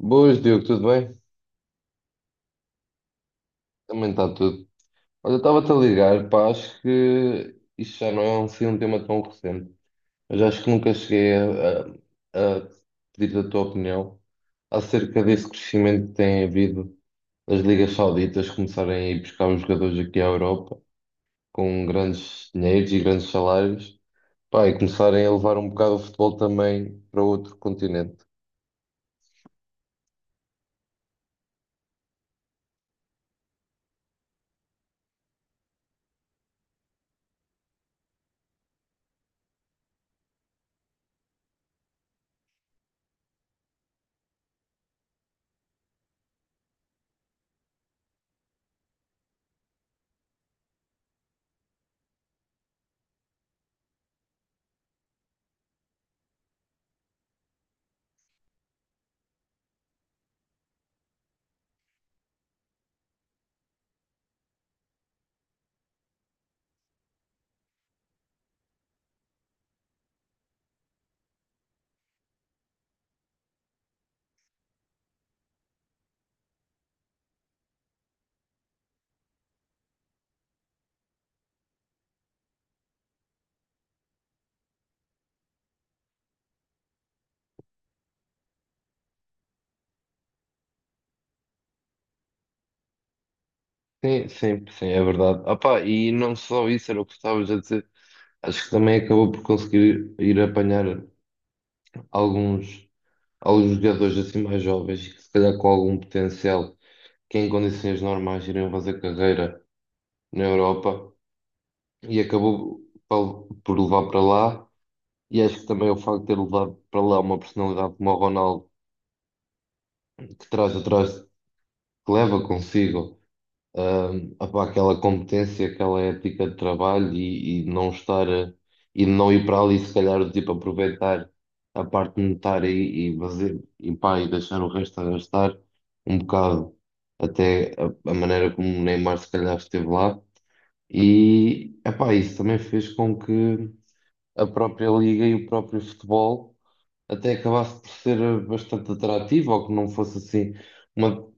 Boas, Diogo, tudo bem? Também está tudo. Olha, eu estava-te a ligar, pá, acho que isto já não é um tema tão recente, mas acho que nunca cheguei a pedir a tua opinião acerca desse crescimento que tem havido, das ligas sauditas começarem a ir buscar os jogadores aqui à Europa com grandes dinheiros e grandes salários, pá, e começarem a levar um bocado o futebol também para outro continente. Sim, sim, sim, é verdade. Ah, pá, e não só isso, era o que estavas a dizer. Acho que também acabou por conseguir ir apanhar alguns, alguns jogadores assim mais jovens que se calhar com algum potencial, que em condições normais iriam fazer carreira na Europa, e acabou por levar para lá. E acho que também o facto de ter levado para lá uma personalidade como o Ronaldo, que traz atrás, que leva consigo, opá, aquela competência, aquela ética de trabalho, e não e não ir para ali se calhar do tipo aproveitar a parte monetária e fazer e pá, e deixar o resto a gastar um bocado, até a maneira como o Neymar se calhar esteve lá. E epá, isso também fez com que a própria liga e o próprio futebol até acabasse por ser bastante atrativo, ou que não fosse assim uma,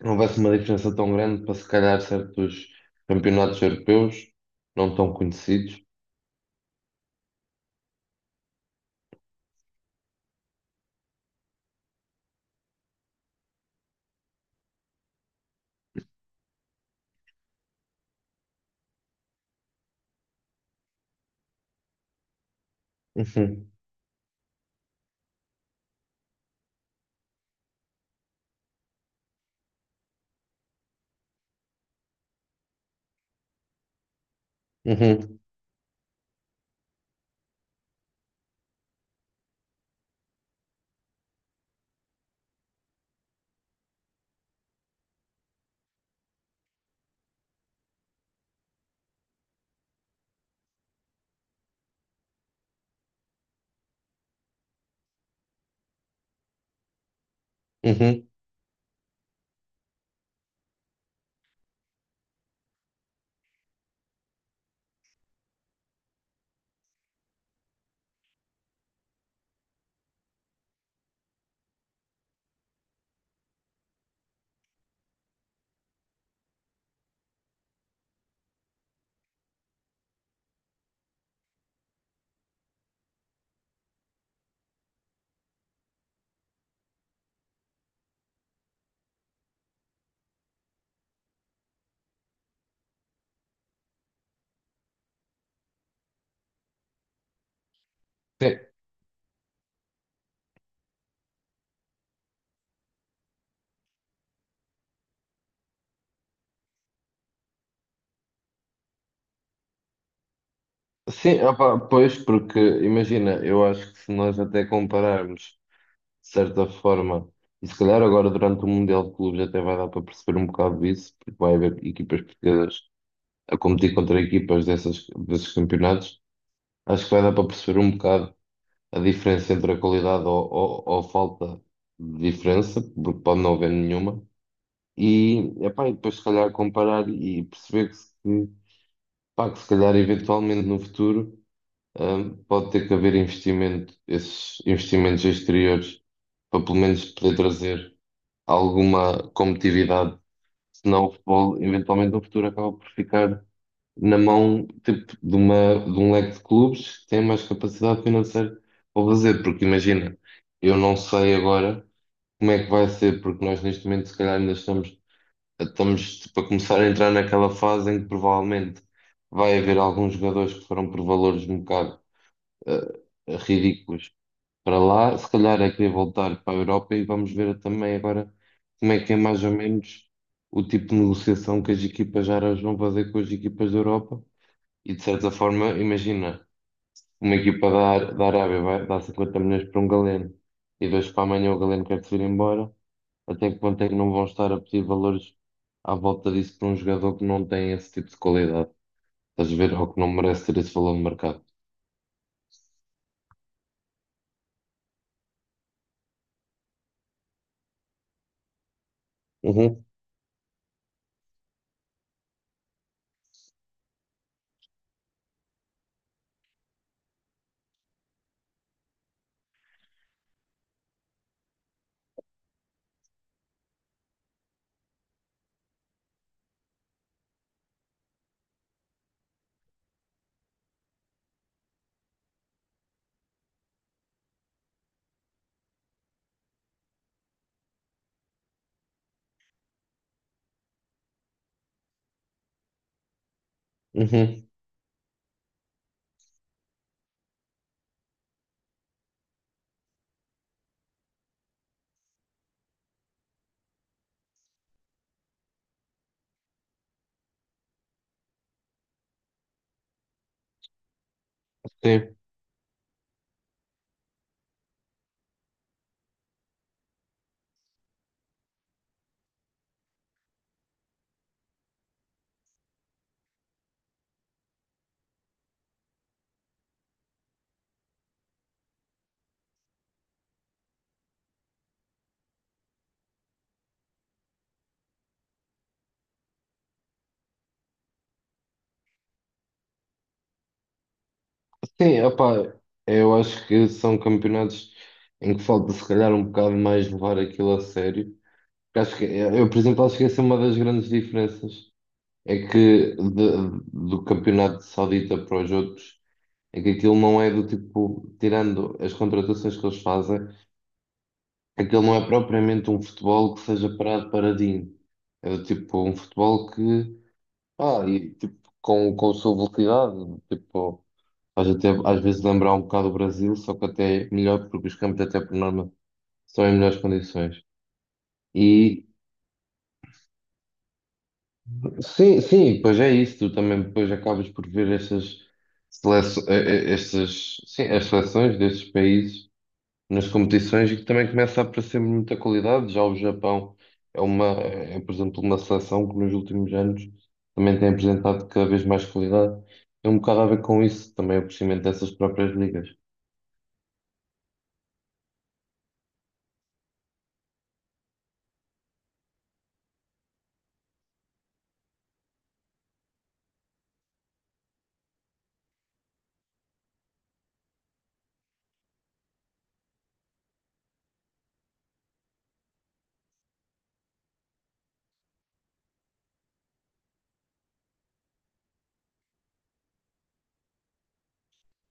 não houvesse uma diferença tão grande para se calhar certos campeonatos europeus não tão conhecidos. Uhum, uhum, uhum. Sim, sim, opá, pois, porque imagina, eu acho que se nós até compararmos de certa forma, e se calhar agora durante o Mundial de Clubes até vai dar para perceber um bocado disso, porque vai haver equipas portuguesas a competir contra equipas dessas, desses campeonatos, acho que vai dar para perceber um bocado a diferença entre a qualidade, ou falta de diferença, porque pode não haver nenhuma. E, epá, e depois se calhar comparar e perceber que, se- que, pá, que se calhar eventualmente no futuro, pode ter que haver investimento, esses investimentos exteriores, para pelo menos poder trazer alguma competitividade, senão o futebol eventualmente no futuro acaba por ficar na mão tipo, de, uma, de um leque de clubes que tem mais capacidade financeira para fazer, porque imagina, eu não sei agora como é que vai ser, porque nós neste momento se calhar ainda estamos tipo, a começar a entrar naquela fase em que provavelmente vai haver alguns jogadores que foram por valores um bocado ridículos para lá, se calhar é querer voltar para a Europa. E vamos ver também agora como é que é mais ou menos o tipo de negociação que as equipas árabes vão fazer com as equipas da Europa. E de certa forma, imagina, uma equipa da Arábia vai dar 50 milhões para um Galeno, e dois para amanhã o Galeno quer se ir embora, até que ponto é que não vão estar a pedir valores à volta disso para um jogador que não tem esse tipo de qualidade? Estás a ver? Ou que não merece ter esse valor no mercado. Uhum, uhum. Sim, sim, opá, eu acho que são campeonatos em que falta se calhar um bocado mais levar aquilo a sério. Porque acho que, eu, por exemplo, acho que essa é uma das grandes diferenças, é que do campeonato saudita para os outros, é que aquilo não é do tipo, tirando as contratações que eles fazem, aquilo não é propriamente um futebol que seja parado paradinho. É do tipo um futebol que, pá, e, tipo, com a sua velocidade, tipo, faz até às vezes lembrar um bocado o Brasil, só que até é melhor, porque os campos até por norma são em melhores condições. E sim, sim, pois é isso. Tu também depois acabas por ver estas seleções, estas, sim, as seleções destes países nas competições e que também começa a aparecer muita qualidade. Já o Japão é uma, é, por exemplo, uma seleção que nos últimos anos também tem apresentado cada vez mais qualidade. É um bocado a ver com isso, também o crescimento dessas próprias ligas.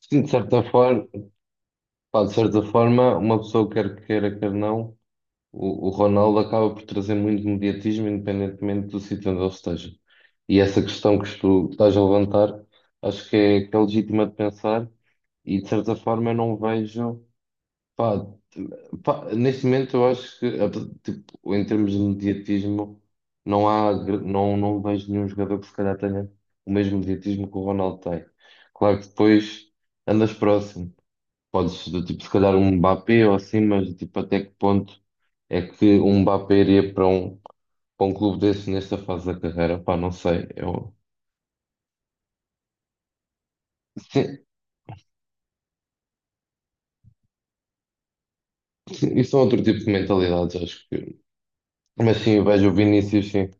Sim, de certa forma, pá, de certa forma, uma pessoa quer queira, quer não. O Ronaldo acaba por trazer muito mediatismo, independentemente do sítio onde ele esteja. E essa questão que tu estás a levantar, acho que é legítima de pensar, e de certa forma eu não vejo. Pá, t- pá, neste momento eu acho tipo, em termos de mediatismo, não há, gr- não, não vejo nenhum jogador que se calhar tenha o mesmo mediatismo que o Ronaldo tem. Claro que depois andas próximo. Podes, do tipo, se calhar um Mbappé ou assim, mas tipo, até que ponto é que um Mbappé iria para para um clube desse nesta fase da carreira? Pá, não sei. Eu, sim, sim, isso é outro tipo de mentalidades, acho que. Mas sim, eu vejo o Vinícius, sim.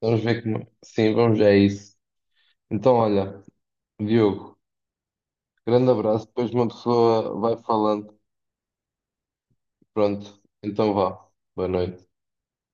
Vamos ver como. Sim, vamos, é isso. Então, olha, Diogo, grande abraço. Depois uma pessoa vai falando. Pronto, então vá. Boa noite.